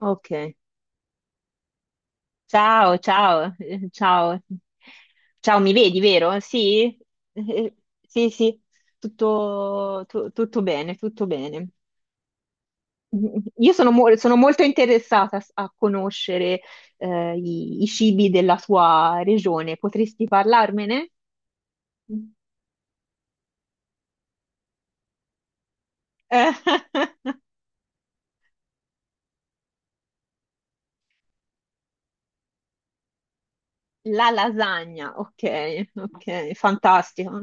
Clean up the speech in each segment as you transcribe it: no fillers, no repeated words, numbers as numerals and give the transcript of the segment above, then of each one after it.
Ok. Ciao, ciao, ciao. Ciao, mi vedi, vero? Sì? Eh, Sì, sì, tutto, tutto bene, tutto bene. Io sono, sono molto interessata a conoscere i cibi della tua regione. Potresti parlarmene? Mm. Eh, La lasagna, ok, ok, fantastico.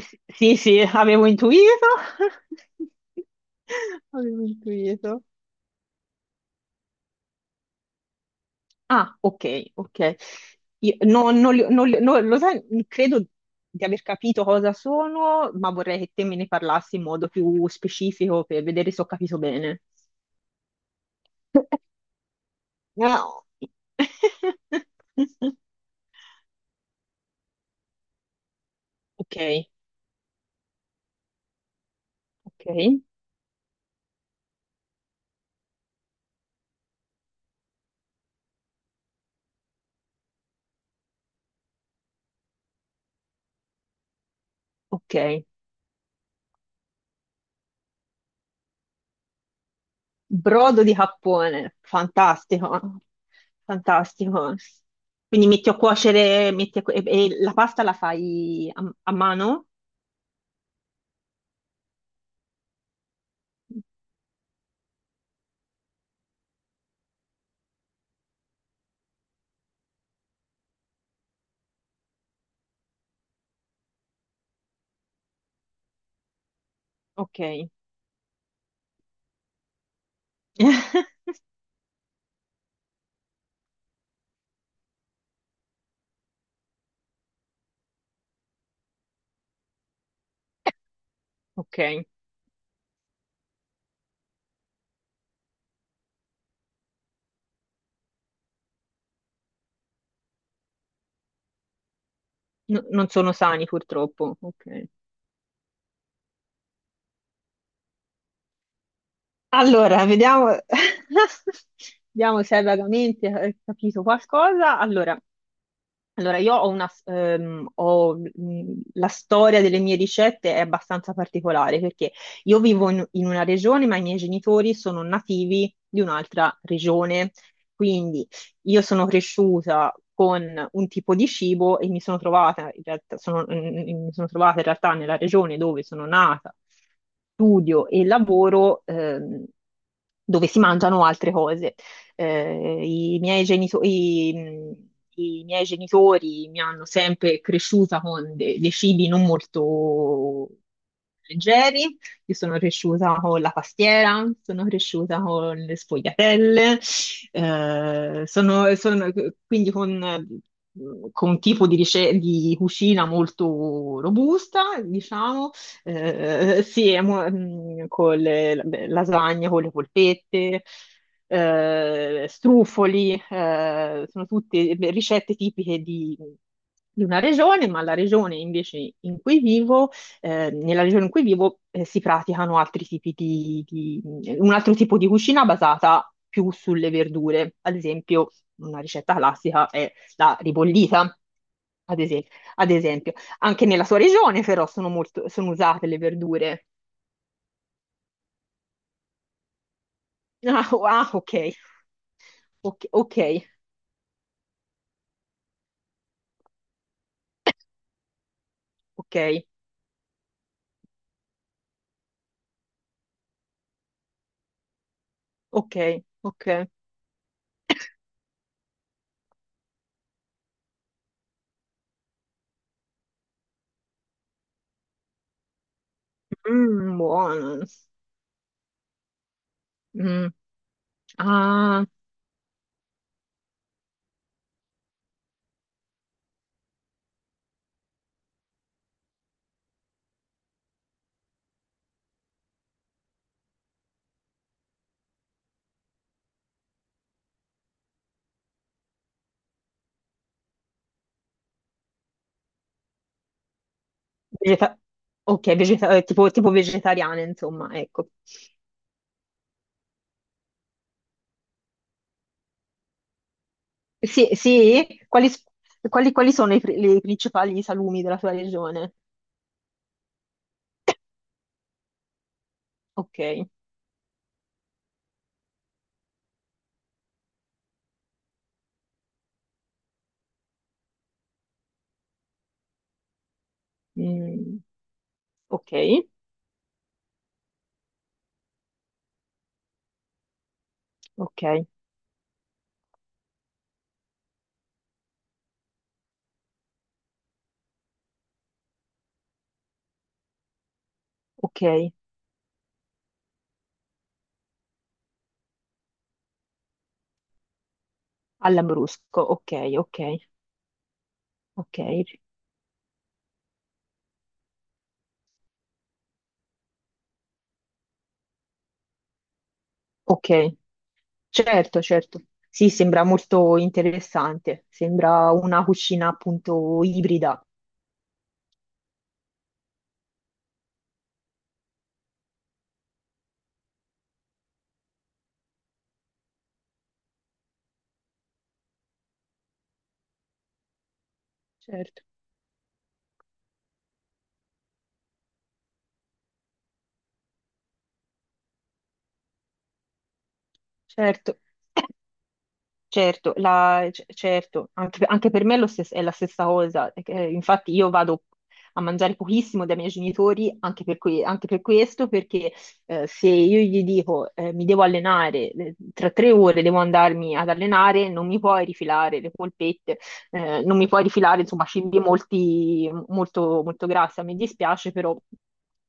Sì, sì, avevo intuito. Avevo intuito. Ah, ok, ok. No, non li- non li- no, lo sai, credo di aver capito cosa sono, ma vorrei che te me ne parlassi in modo più specifico per vedere se ho capito bene. No. Ok, ok, ok. Brodo di cappone, fantastico, fantastico. Quindi metti a cuocere, e la pasta la fai a, a mano? Ok, ok. Non sono sani purtroppo. Ok. Allora, vediamo, vediamo se hai vagamente capito qualcosa. Allora, allora, io ho una, ho, la storia delle mie ricette è abbastanza particolare perché io vivo in, in una regione, ma i miei genitori sono nativi di un'altra regione. Quindi io sono cresciuta con un tipo di cibo e mi sono trovata in realtà, mi sono trovata in realtà nella regione dove sono nata, studio e lavoro, dove si mangiano altre cose. Eh, i miei genito- i, mh, i miei genitori mi hanno sempre cresciuta con dei cibi non molto leggeri. Io sono cresciuta con la pastiera, sono cresciuta con le sfogliatelle, eh, sono, sono- quindi con un tipo di, di cucina molto robusta, diciamo, sì, e con lasagne, con le polpette strufoli, sono tutte ricette tipiche di una regione, ma la regione invece in cui vivo, nella regione in cui vivo, si praticano altri tipi di, un altro tipo di cucina basata più sulle verdure. Ad esempio, una ricetta classica è la ribollita. Ad esempio, ad esempio, anche nella sua regione però sono molto, sono usate le verdure. Ah, ah, ok, ok, ok, ok. Ok, ok. Mm, buono. Mm. Ah, vegeta- tipo, tipo vegetariana, insomma, ecco. Sì, sì? Quali, quali sono le principali salumi della tua regione? Ok, mm, ok, ok, ok. All'Ambrusco, ok, ok, ok, ok. Certo, certo. Sì, sembra molto interessante. Sembra una cucina appunto ibrida. Certo, certo. Certo, certo, anche, anche per me è, è la stessa cosa. Infatti io vado a mangiare pochissimo dai miei genitori anche per, anche per questo, perché se io gli dico mi devo allenare, tra 3 ore devo andarmi ad allenare, non mi puoi rifilare le polpette, non mi puoi rifilare, insomma, cibi molti, molto, molto grassi. Mi dispiace, però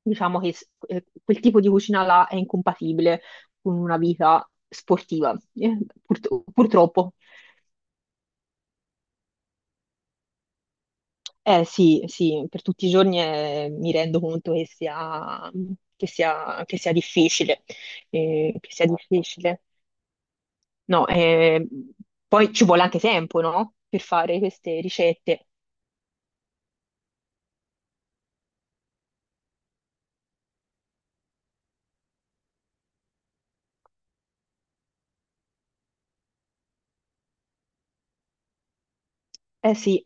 diciamo che quel tipo di cucina là è incompatibile con una vita sportiva, eh, purtroppo. Eh sì, sì, per tutti i giorni mi rendo conto che sia, che sia difficile, che sia difficile. No, poi ci vuole anche tempo, no? Per fare queste ricette. Eh sì,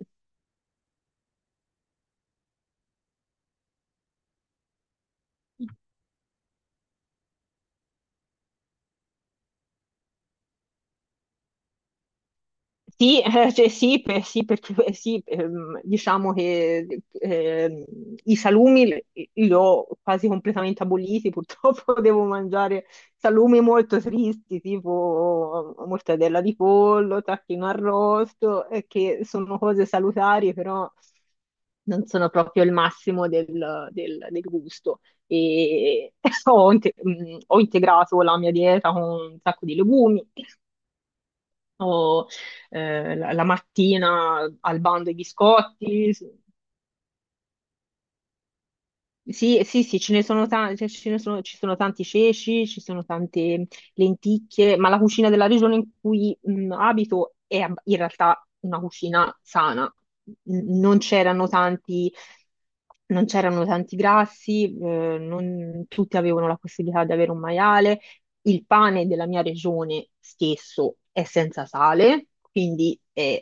sì, cioè sì, sì, perché sì, diciamo che i salumi li ho quasi completamente aboliti, purtroppo devo mangiare salumi molto tristi, tipo mortadella di pollo, tacchino arrosto, che sono cose salutari, però non sono proprio il massimo del, del gusto. E ho, ho integrato la mia dieta con un sacco di legumi, o la, la mattina al bando i biscotti, sì, sì, sì, ce ne sono tanti, ce ne sono, ci sono tanti ceci, ci sono tante lenticchie, ma la cucina della regione in cui abito in realtà una cucina sana. Non c'erano tanti, non c'erano tanti grassi, non tutti avevano la possibilità di avere un maiale. Il pane della mia regione stesso è senza sale, quindi è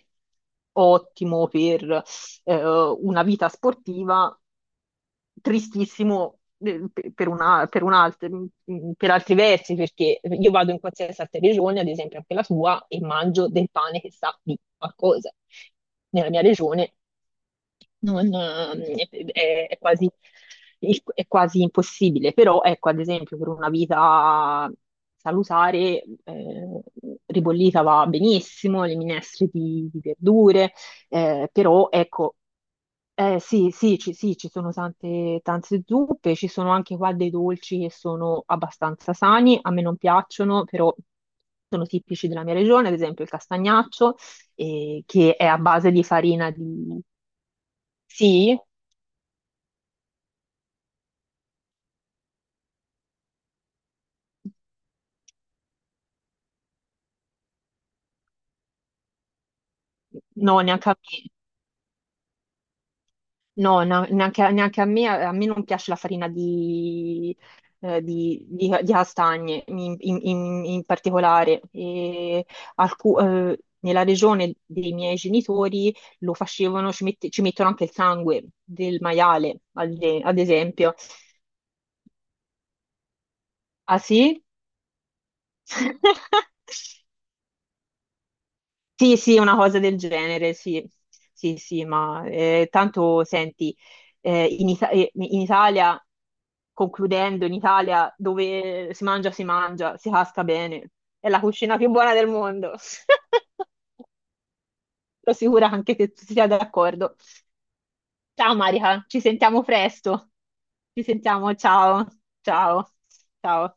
ottimo per una vita sportiva tristissimo per, per altri versi, perché io vado in qualsiasi altra regione, ad esempio anche la tua, e mangio del pane che sa di qualcosa. Nella mia regione non, è quasi impossibile, però ecco, ad esempio per una vita salutare, ribollita va benissimo, le minestre di verdure, però ecco sì, sì, ci sono tante, tante zuppe, ci sono anche qua dei dolci che sono abbastanza sani, a me non piacciono, però sono tipici della mia regione, ad esempio il castagnaccio, che è a base di farina di... Sì? No, neanche a me. No, neanche a me non piace la farina di, di castagne in, in particolare. E nella regione dei miei genitori lo facevano, ci, ci mettono anche il sangue del maiale, ad, ad esempio. Ah sì? Sì, sì, una cosa del genere, sì, sì, sì, ma tanto senti, in Italia, concludendo, in Italia dove si mangia, si mangia, si casca bene, è la cucina più buona del mondo. Sono sicura anche che tu sia d'accordo. Ciao Marica, ci sentiamo presto. Ci sentiamo, ciao, ciao, ciao.